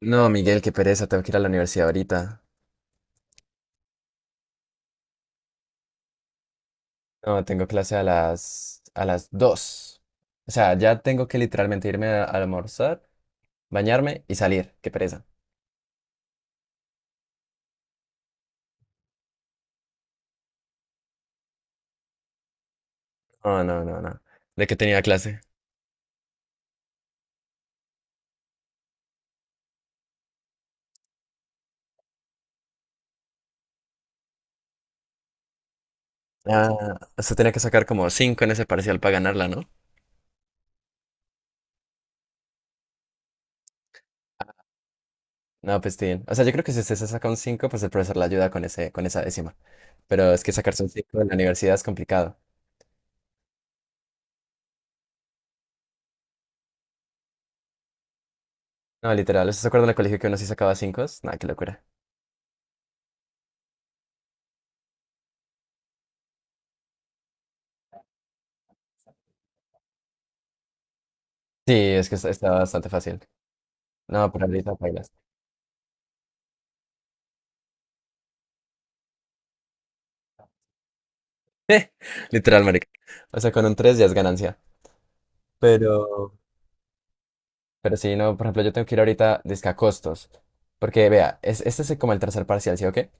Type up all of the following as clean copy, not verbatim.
No, Miguel, qué pereza, tengo que ir a la universidad ahorita. No, tengo clase a las 2. O sea, ya tengo que literalmente irme a almorzar, bañarme y salir. Qué pereza. No, no, no, no. ¿De qué tenía clase? Ah, usted tenía que sacar como cinco en ese parcial para ganarla, ¿no? No, pues bien. O sea, yo creo que si usted se saca un 5, pues el profesor le ayuda con esa décima. Pero es que sacarse un 5 en la universidad es complicado. No, literal, ¿usted se acuerda en el colegio que uno sí sacaba 5? Nada, qué locura. Sí, es que estaba bastante fácil. No, pero ahorita bailas. Literal, marica. O sea, con un 3 ya es ganancia. Pero, pero sí, no, por ejemplo, yo tengo que ir ahorita dizque a costos. Porque, vea, es, este es como el tercer parcial, ¿sí o qué?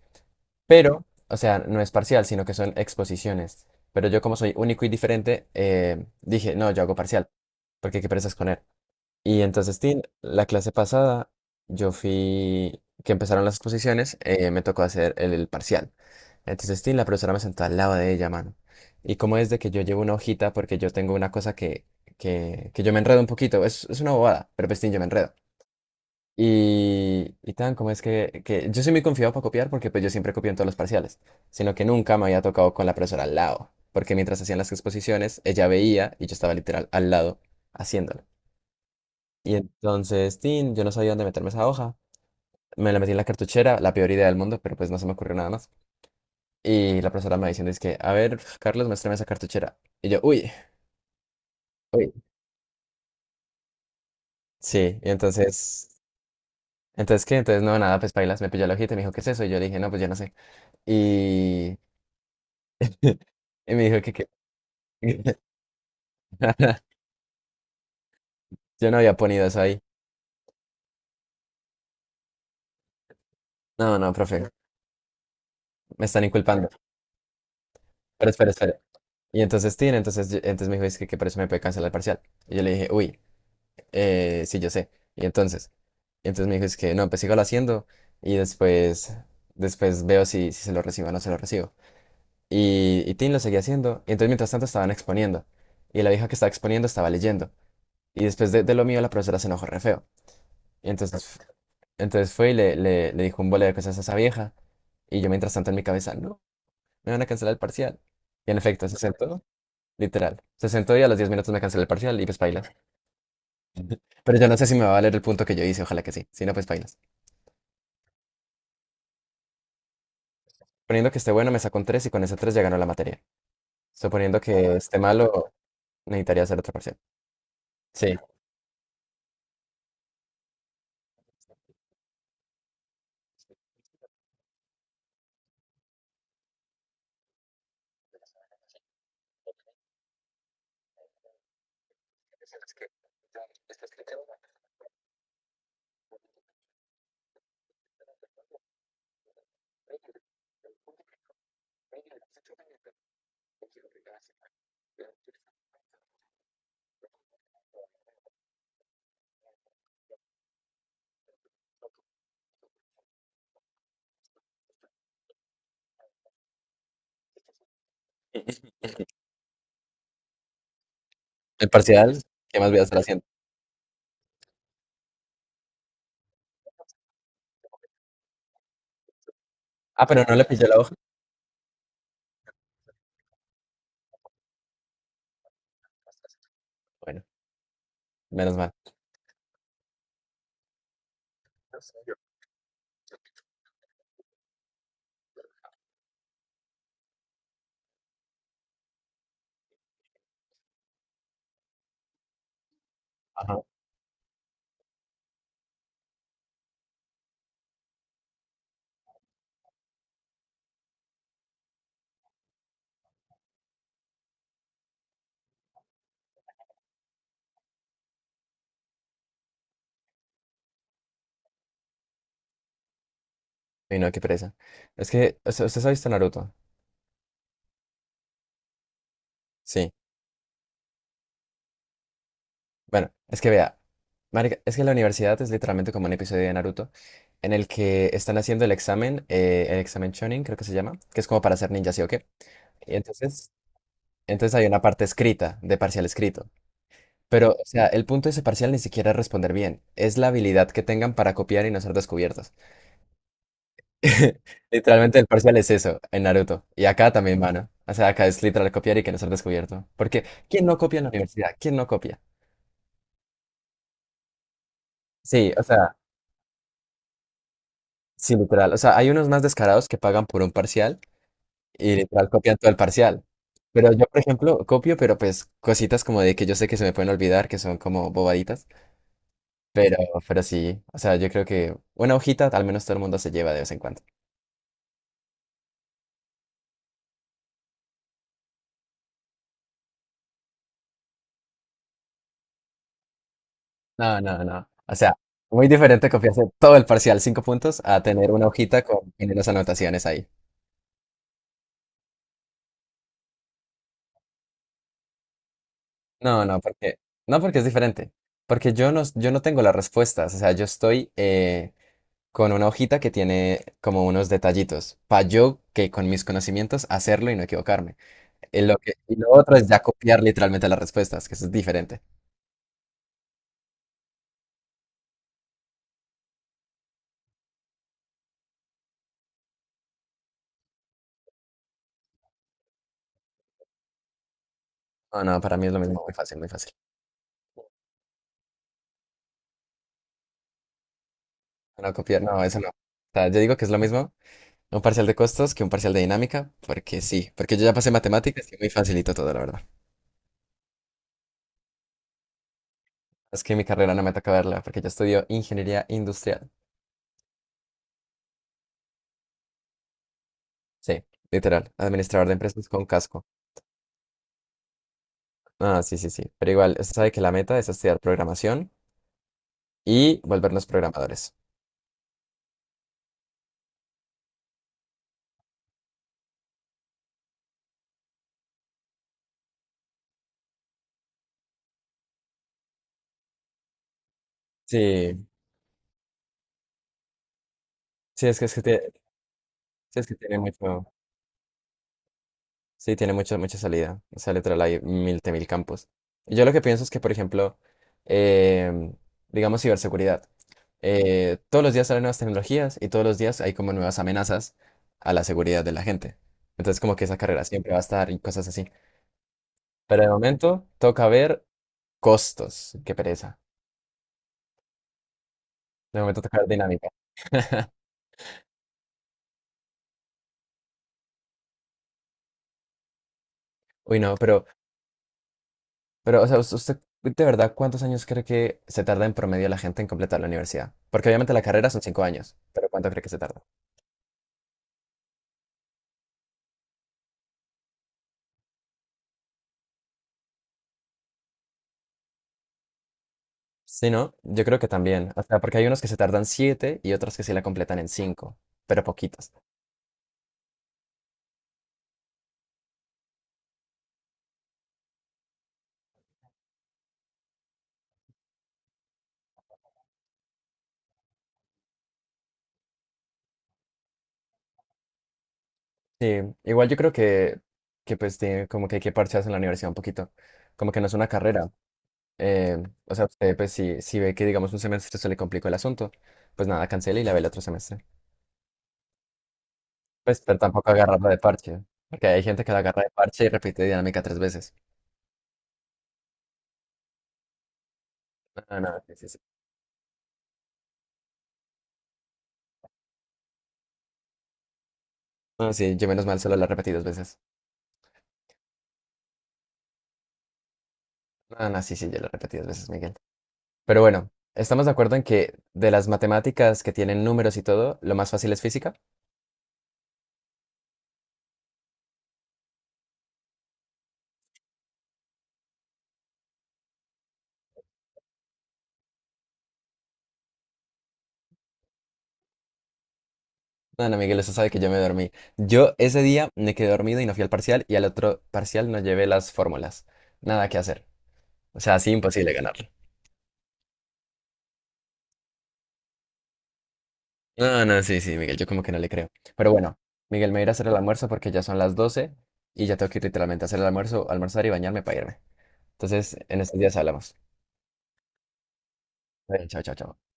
Pero, o sea, no es parcial, sino que son exposiciones. Pero yo, como soy único y diferente, dije, no, yo hago parcial. Porque qué perezas con él. Y entonces, Tin, la clase pasada, yo fui, que empezaron las exposiciones, me tocó hacer el parcial. Entonces, Tin, la profesora me sentó al lado de ella, mano. Y como es de que yo llevo una hojita, porque yo tengo una cosa que yo me enredo un poquito, es una bobada, pero pues, Tin, yo me enredo. Y tan, como es que yo soy muy confiado para copiar, porque pues yo siempre copio en todos los parciales, sino que nunca me había tocado con la profesora al lado, porque mientras hacían las exposiciones, ella veía y yo estaba literal al lado haciéndolo. Y entonces, tin, yo no sabía dónde meterme esa hoja. Me la metí en la cartuchera, la peor idea del mundo, pero pues no se me ocurrió nada más. Y la profesora me va diciendo, es que, a ver, Carlos, muéstrame esa cartuchera. Y yo, uy, uy. Sí, y entonces, ¿qué? Entonces, no, nada, pues bailas, me pilló la hojita y me dijo, ¿qué es eso? Y yo le dije, no, pues yo no sé. Y, y me dijo que... yo no había ponido eso ahí. No, no, profe, me están inculpando. Pero espera, espera. Y entonces, tin, entonces, entonces me dijo, es que por eso me puede cancelar el parcial. Y yo le dije, uy, sí, yo sé. Y entonces... Y entonces me dijo, es que no, pues sígalo haciendo y después, después veo si se lo recibo o no se lo recibo. Y Tim lo seguía haciendo. Y entonces mientras tanto estaban exponiendo. Y la vieja que estaba exponiendo estaba leyendo. Y después de lo mío la profesora se enojó re feo. Y entonces, entonces fue y le dijo un bole de cosas a esa vieja. Y yo mientras tanto en mi cabeza, no, me van a cancelar el parcial. Y en efecto, se sentó, literal. Se sentó y a los 10 minutos me canceló el parcial y pues paila. Pero yo no sé si me va a valer el punto que yo hice, ojalá que sí. Si no, pues paila. Suponiendo que esté bueno, me saco un 3 y con ese 3 ya ganó la materia. Suponiendo que esté malo, necesitaría hacer otro parcial. Sí. El parcial, ¿qué más voy a estar haciendo? Ah, pero no le pillé la hoja. Bueno, menos mal. Ajá. Y no, qué pereza. Es que, o sea, ¿usted ha visto Naruto? Sí. Bueno, es que vea, marica, es que la universidad es literalmente como un episodio de Naruto en el que están haciendo el examen Chunin, creo que se llama, que es como para ser ninja, ¿sí o qué? Y entonces hay una parte escrita, de parcial escrito. Pero, o sea, el punto de ese parcial ni siquiera es responder bien, es la habilidad que tengan para copiar y no ser descubiertos. Literalmente el parcial es eso, en Naruto. Y acá también, mano. O sea, acá es literal copiar y que no ser descubierto. Porque, ¿quién no copia en la universidad? ¿Quién no copia? Sí, o sea, sí, literal. O sea, hay unos más descarados que pagan por un parcial y literal copian todo el parcial. Pero yo, por ejemplo, copio, pero pues cositas como de que yo sé que se me pueden olvidar, que son como bobaditas. Pero, pero sí, o sea, yo creo que una hojita al menos todo el mundo se lleva de vez en cuando. No, no, no. O sea, muy diferente copiarse todo el parcial, 5 puntos, a tener una hojita con las anotaciones ahí. No, porque, no, porque es diferente. Porque yo no tengo las respuestas. O sea, yo estoy con una hojita que tiene como unos detallitos. Para yo que con mis conocimientos hacerlo y no equivocarme. Y lo otro es ya copiar literalmente las respuestas, que eso es diferente. No, no, para mí es lo mismo, muy fácil, muy fácil. No, copiar, no, eso no. O sea, yo digo que es lo mismo, un parcial de costos que un parcial de dinámica, porque sí, porque yo ya pasé matemáticas y es muy facilito todo, la verdad. Es que mi carrera no me toca verla, porque yo estudio ingeniería industrial. Sí, literal, administrador de empresas con casco. Ah, sí, sí, sí. Pero igual, usted sabe que la meta es estudiar programación y volvernos programadores. Sí, sí, es sí, es que tiene mucho. Sí, tiene mucha salida. O sea, literal hay mil de mil campos. Yo lo que pienso es que, por ejemplo, em, digamos ciberseguridad. Todos los días salen nuevas tecnologías y todos los días hay como nuevas amenazas a la seguridad de la gente. Entonces, como que esa carrera siempre va a estar y cosas así. Pero de momento toca ver costos. Qué pereza. De momento toca ver dinámica. Uy, no, o sea, usted, de verdad, ¿cuántos años cree que se tarda en promedio la gente en completar la universidad? Porque obviamente la carrera son cinco años, pero ¿cuánto cree que se tarda? Sí, ¿no? Yo creo que también. O sea, porque hay unos que se tardan siete y otros que sí la completan en cinco, pero poquitos. Sí, igual yo creo que pues tiene como que hay que parchearse en la universidad un poquito. Como que no es una carrera. Eh, o sea, usted pues si ve que digamos un semestre se le complicó el asunto, pues nada, cancela y la ve el otro semestre. Pues, pero tampoco agarrarla de parche. Porque hay gente que la agarra de parche y repite dinámica tres veces. No, no, sí, sí, sí. No, sí, yo menos mal solo la repetí dos veces. No, no, sí, sí, yo la repetí dos veces, Miguel. Pero bueno, estamos de acuerdo en que de las matemáticas que tienen números y todo, lo más fácil es física. No, no, Miguel, eso sabe que yo me dormí. Yo ese día me quedé dormido y no fui al parcial y al otro parcial no llevé las fórmulas. Nada que hacer. O sea, así imposible ganarlo. No, no, sí, sí, Miguel, yo como que no le creo. Pero bueno, Miguel, me voy a hacer el almuerzo porque ya son las 12 y ya tengo que ir literalmente a hacer el almuerzo, almorzar y bañarme para irme. Entonces, en estos días hablamos. Bueno, chao, chao, chao.